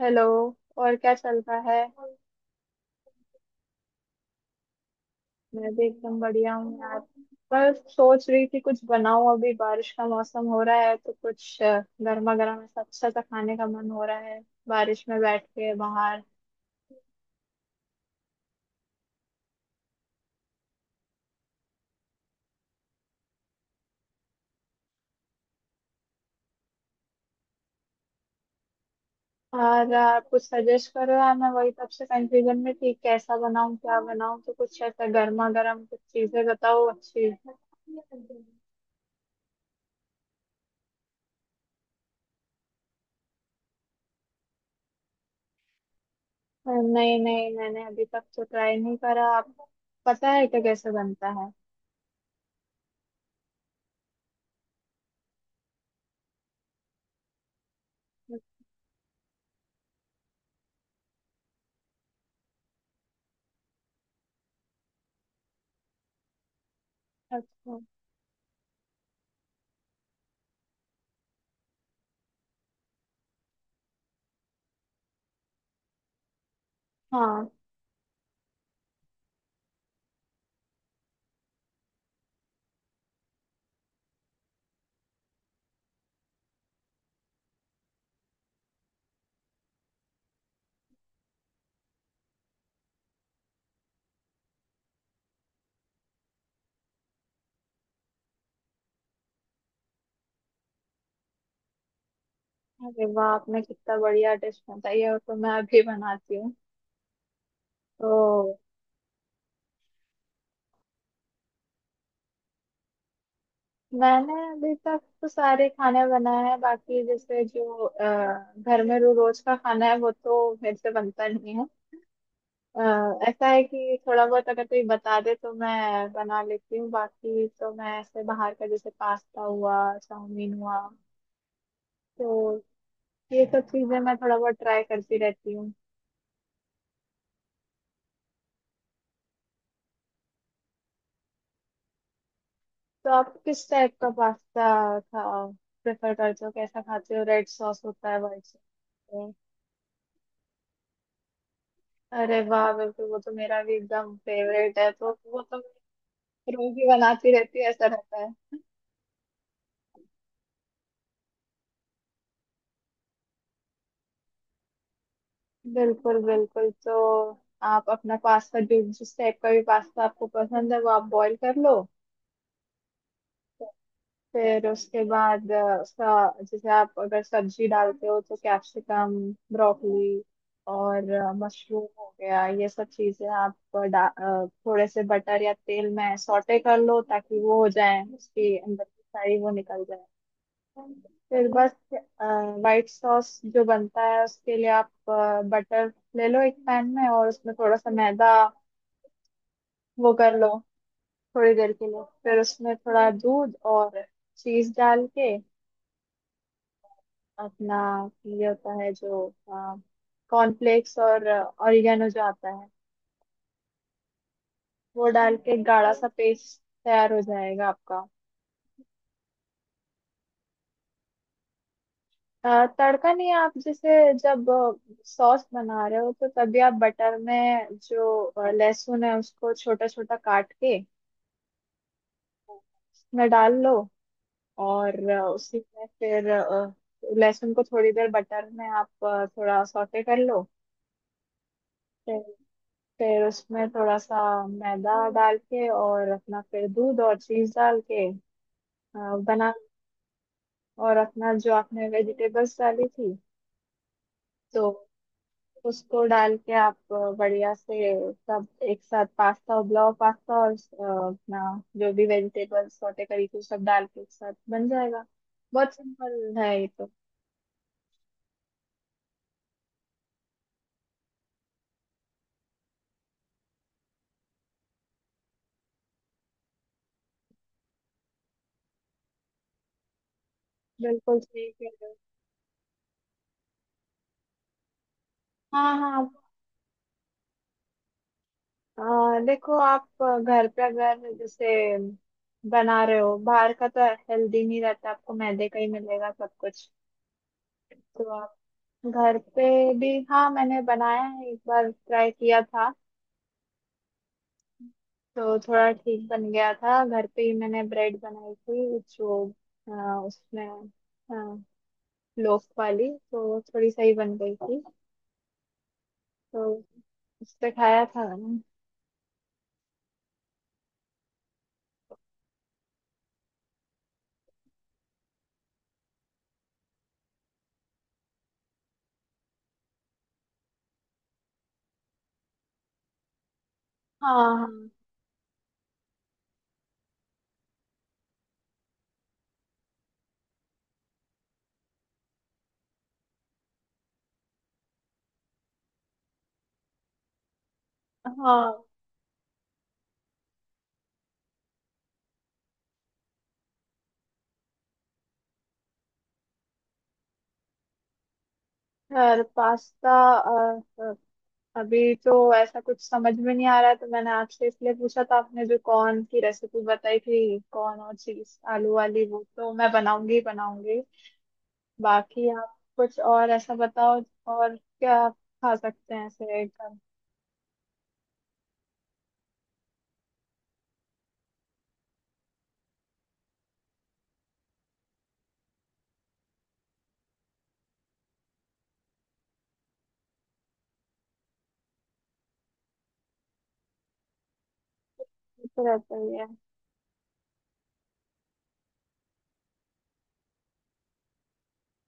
Hello. और क्या चल रहा है। मैं भी एकदम बढ़िया हूँ यार। बस सोच रही थी कुछ बनाऊं, अभी बारिश का मौसम हो रहा है तो कुछ गर्मा गर्म ऐसा अच्छा सा खाने का मन हो रहा है बारिश में बैठ के बाहर। और आप कुछ सजेस्ट करो यार, मैं वही तब से कंफ्यूजन में थी कैसा बनाऊं क्या बनाऊं, तो कुछ ऐसा गर्मा गर्म कुछ चीजें बताओ अच्छी। नहीं नहीं मैंने अभी तक तो ट्राई नहीं करा। आप पता है क्या कैसे बनता है। अच्छा अच्छा। हाँ। अरे वाह आपने कितना बढ़िया डिश बताई है, वो तो मैं अभी बनाती हूँ। तो मैंने अभी तक तो सारे खाने बनाए हैं, बाकी जैसे जो घर में रो रोज का खाना है वो तो मेरे से बनता नहीं है। अ, ऐसा है कि थोड़ा बहुत अगर कोई बता दे तो मैं बना लेती हूँ, बाकी तो मैं ऐसे बाहर का जैसे पास्ता हुआ चाउमीन हुआ। तो ये सब चीजें मैं थोड़ा बहुत ट्राई करती रहती। तो आप किस टाइप का पास्ता खा प्रेफर करते हो, कैसा खाते हो, रेड सॉस होता है व्हाइट सॉस होता है। अरे वाह बिल्कुल, वो तो मेरा भी एकदम फेवरेट है, तो वो तो मैं रोज ही बनाती रहती है ऐसा रहता है। बिल्कुल बिल्कुल। तो आप अपना पास्ता, जो जिस टाइप का भी पास्ता आपको पसंद है वो आप बॉईल कर लो। फिर उसके बाद उसका, जैसे आप अगर सब्जी डालते हो तो कैप्सिकम, ब्रोकली और मशरूम हो गया, ये सब चीजें आप थोड़े से बटर या तेल में सौटे कर लो ताकि वो हो जाए, उसकी अंदर की सारी वो निकल जाए। फिर बस, वाइट सॉस जो बनता है उसके लिए आप बटर ले लो एक पैन में, और उसमें थोड़ा सा मैदा वो कर लो थोड़ी देर के लिए। फिर उसमें थोड़ा दूध और चीज डाल के अपना, ये होता है जो कॉर्नफ्लेक्स और ऑरिगेनो जो आता है वो डाल के गाढ़ा सा पेस्ट तैयार हो जाएगा आपका। तड़का नहीं, आप जैसे जब सॉस बना रहे हो तो तभी आप बटर में जो लहसुन है उसको छोटा छोटा काट के उसमें डाल लो। और उसी में फिर लहसुन को थोड़ी देर बटर में आप थोड़ा सौटे कर लो। फिर उसमें थोड़ा सा मैदा डाल के और अपना फिर दूध और चीज डाल के अ, बना। और अपना जो आपने वेजिटेबल्स डाली थी, तो उसको डाल के आप बढ़िया से सब एक साथ, पास्ता उबला पास्ता और अपना जो भी वेजिटेबल्स सॉटे करी थी सब डाल के एक साथ बन जाएगा। बहुत सिंपल है ये तो। बिल्कुल ठीक है। हाँ हाँ। देखो, आप घर पे अगर जैसे बना रहे हो बाहर का तो हेल्दी नहीं रहता, आपको मैदे का ही मिलेगा सब कुछ। तो आप घर पे भी, हाँ मैंने बनाया है, एक बार ट्राई किया था। तो थोड़ा ठीक बन गया था, घर पे ही मैंने ब्रेड बनाई थी जो उसमें आ, लोफ वाली तो थोड़ी सही बन गई थी। तो उससे खाया था मैंने। हाँ हाँ हाँ। और पास्ता, अभी तो ऐसा कुछ समझ में नहीं आ रहा है तो मैंने आपसे इसलिए पूछा था। आपने जो कॉर्न की रेसिपी बताई थी कॉर्न और चीज आलू वाली, वो तो मैं बनाऊंगी ही बनाऊंगी। बाकी आप कुछ और ऐसा बताओ, और क्या आप खा सकते हैं ऐसे एकदम। ये तो रहता ही है।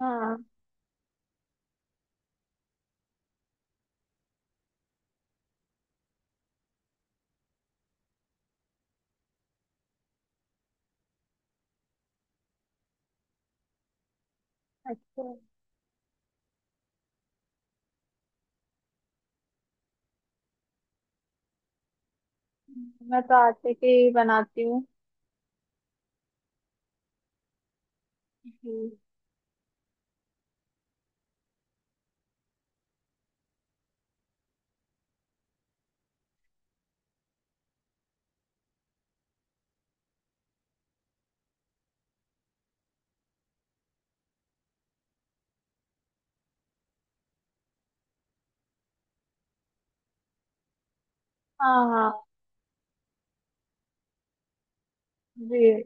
हाँ। अच्छा। मैं तो आटे के ही बनाती हूँ। जी। हाँ हाँ। जी।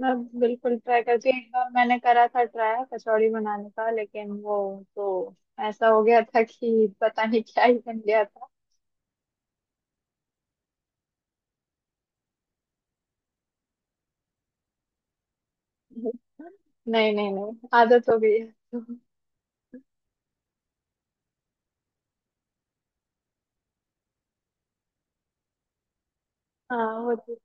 मैं बिल्कुल ट्राई करती हूँ, एक बार मैंने करा था ट्राई कचौड़ी बनाने का लेकिन वो तो ऐसा हो गया था कि पता नहीं क्या ही बन गया था। नहीं नहीं नहीं, आदत हो गई है। हाँ वो तो।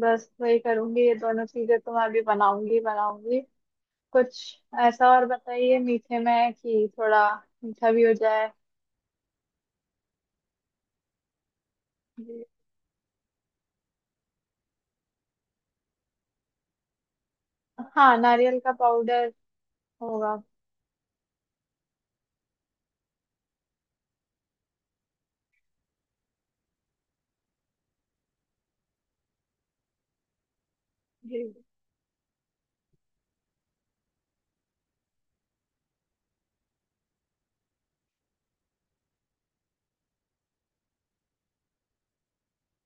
बस वही करूंगी, ये दोनों चीजें तो मैं भी बनाऊंगी बनाऊंगी। कुछ ऐसा और बताइए मीठे में, कि थोड़ा मीठा भी हो जाए। जी। हाँ नारियल का पाउडर होगा। जी।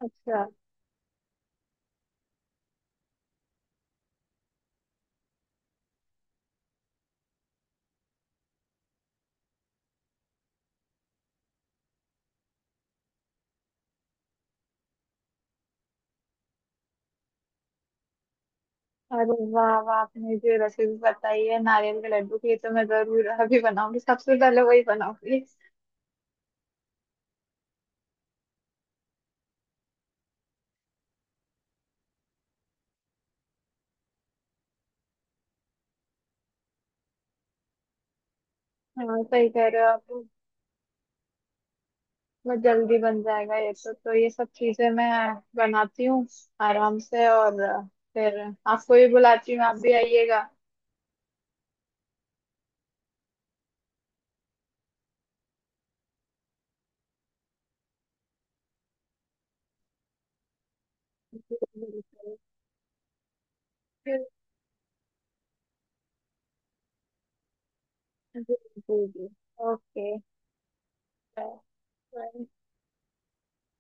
अच्छा। अरे वाह वाह आपने जो रेसिपी बताई है नारियल के लड्डू की, ये तो मैं जरूर अभी बनाऊंगी, सबसे पहले वही बनाऊंगी। हाँ सही कह रहे हो आप। बहुत जल्दी बन जाएगा ये तो ये सब चीजें मैं बनाती हूँ आराम से और फिर आपको भी बुलाती हूँ आप भी आइएगा। जी, बिल्कुल। जी जी जी। ओके। बाय। बाय।